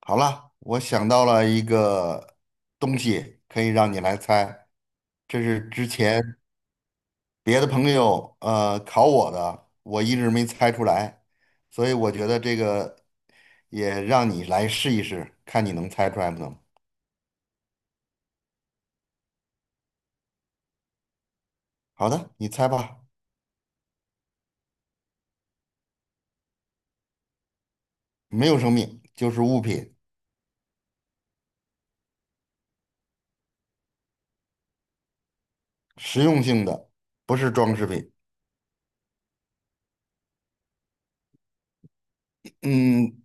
好了，我想到了一个东西，可以让你来猜。这是之前别的朋友考我的，我一直没猜出来，所以我觉得这个也让你来试一试，看你能猜出来不能。好的，你猜吧。没有生命，就是物品。实用性的，不是装饰品。嗯，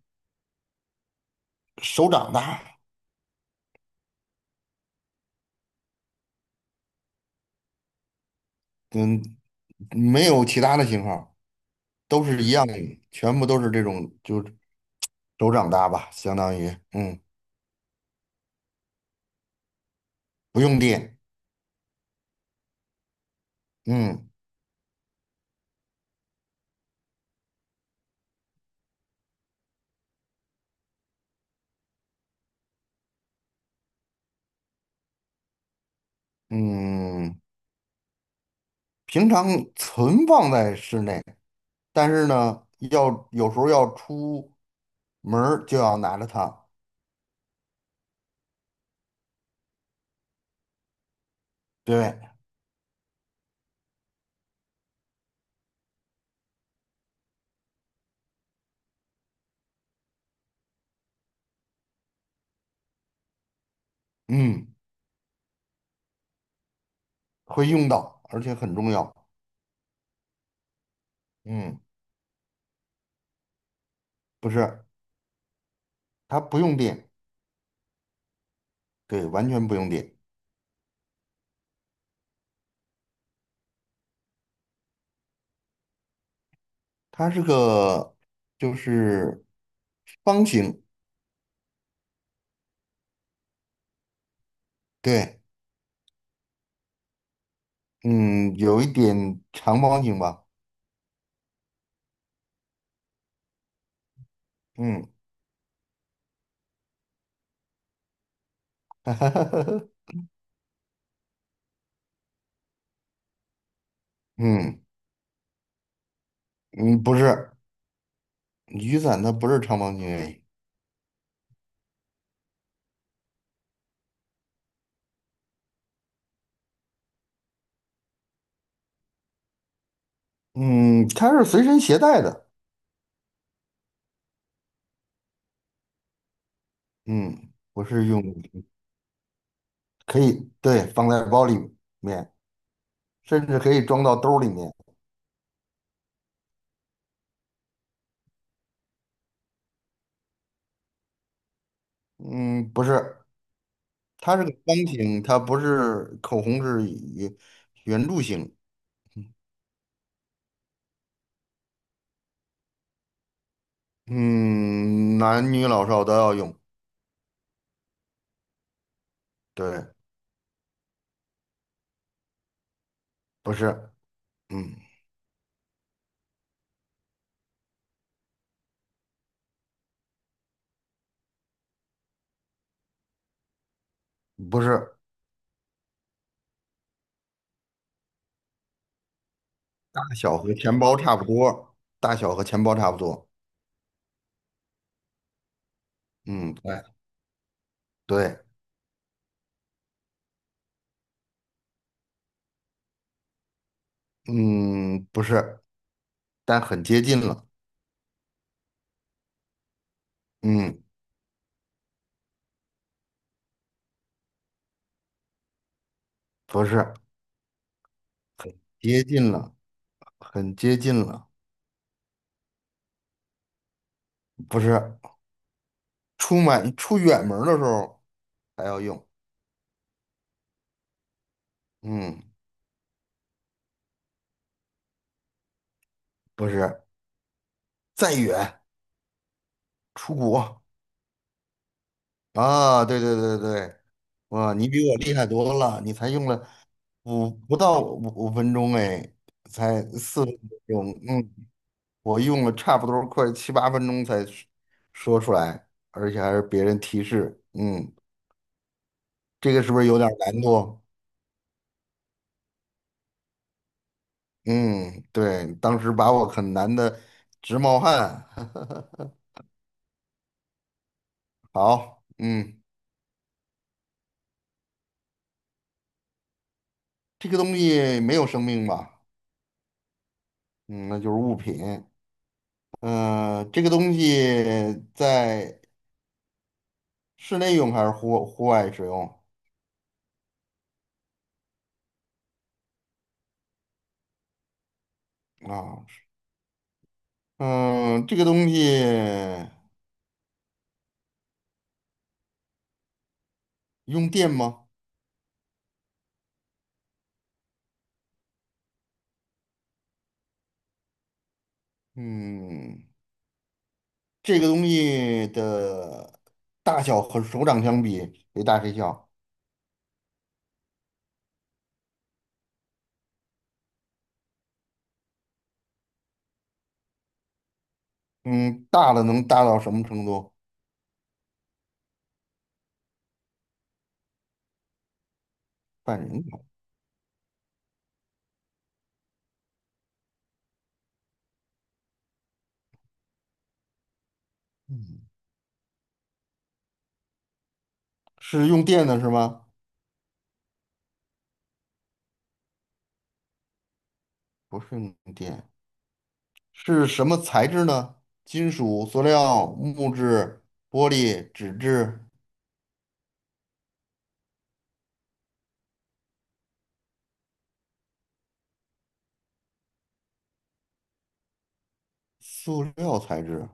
手掌大。嗯，没有其他的型号，都是一样的，全部都是这种，就手掌大吧，相当于。嗯，不用电。嗯嗯，平常存放在室内，但是呢，要有时候要出门儿就要拿着它。对。嗯，会用到，而且很重要。嗯，不是，它不用电。对，完全不用电。它是个就是方形。对。嗯，有一点长方形吧。嗯。嗯嗯，不是。雨伞它不是长方形而已。嗯，它是随身携带的。嗯，不是用。可以，对，放在包里面，甚至可以装到兜儿里面。嗯，不是。它是个方形，它不是口红是圆圆柱形。嗯，男女老少都要用。对。不是。嗯，不是。大小和钱包差不多，大小和钱包差不多。嗯，对。对。嗯，不是，但很接近了。嗯。不是。接近了，很接近了。不是，出门出远门儿的时候还要用。嗯，不是，再远出国啊，对对对对。哇，你比我厉害多了，你才用了不到五分钟哎，才4分钟。嗯，我用了差不多快七八分钟才说出来，而且还是别人提示。嗯，这个是不是有点难度？嗯，对，当时把我很难的直冒汗。好。嗯，这个东西没有生命吧？嗯，那就是物品。嗯、这个东西在室内用还是户外使用啊？嗯、这个东西用电吗？嗯，这个东西的大小和手掌相比，谁大谁小？嗯，大的能大到什么程度？半人头。是用电的是吗？不是用电，是什么材质呢？金属、塑料、木质、玻璃、纸质、塑料材质。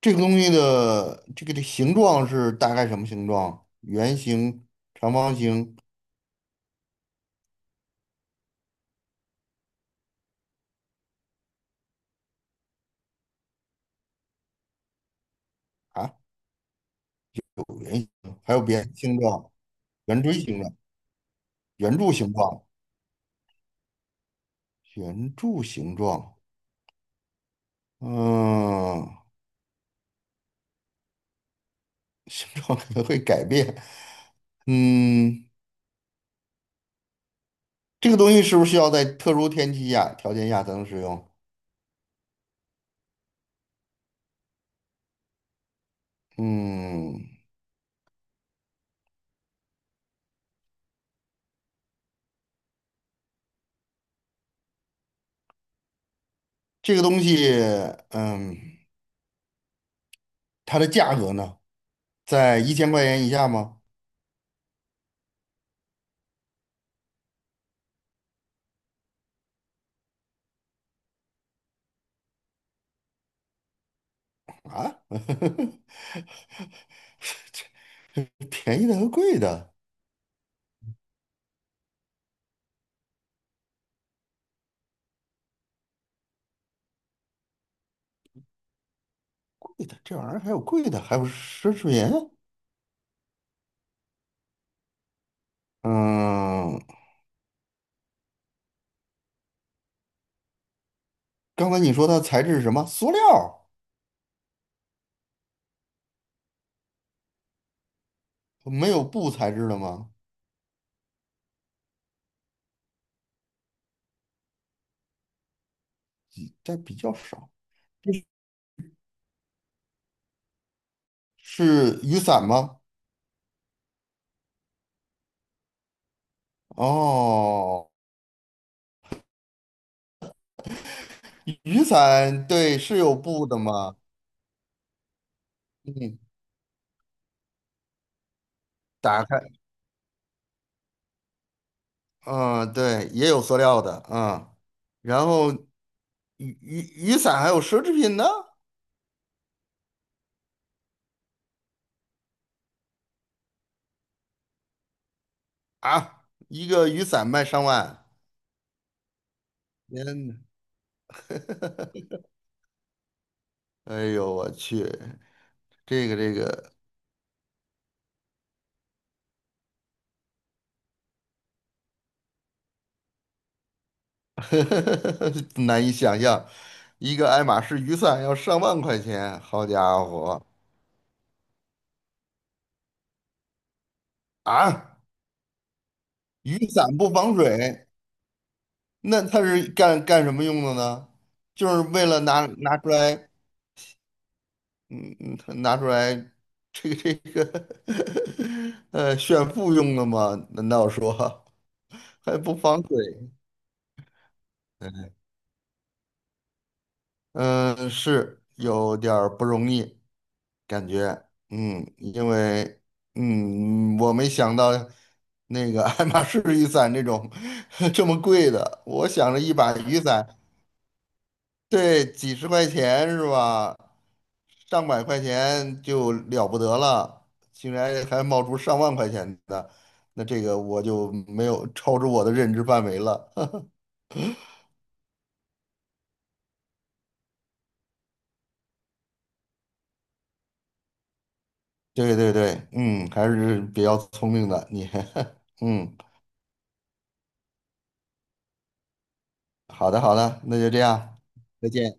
这个东西的这个的形状是大概什么形状？圆形、长方形啊，有圆形，还有扁形状、圆锥形状、圆柱形状、圆柱形状。嗯，形状可能会改变。嗯。这个东西是不是需要在特殊天气下条件下才能使用？嗯，这个东西，嗯，它的价格呢，在1000块钱以下吗？啊，便宜的和贵的，贵的这玩意儿还有贵的，还有奢侈品。嗯，刚才你说它材质是什么？塑料，没有布材质的吗？但比较少。是雨伞吗？哦，雨伞对，是有布的吗？嗯打开。嗯，对，也有塑料的。嗯，然后雨伞还有奢侈品呢。啊，一个雨伞卖上万，天呐，哎呦我去。这个 难以想象，一个爱马仕雨伞要上万块钱，好家伙。啊，雨伞不防水，那它是干什么用的呢？就是为了拿出来。嗯嗯，拿出来这个 炫富用的吗？难道说还不防水？嗯，是有点儿不容易，感觉。嗯，因为，嗯，我没想到那个爱马仕雨伞这种 这么贵的，我想着一把雨伞对，几十块钱是吧？上百块钱就了不得了，竟然还冒出上万块钱的，那这个我就没有超出我的认知范围了。对对对，嗯，还是比较聪明的你。嗯，好的好的，那就这样。再见。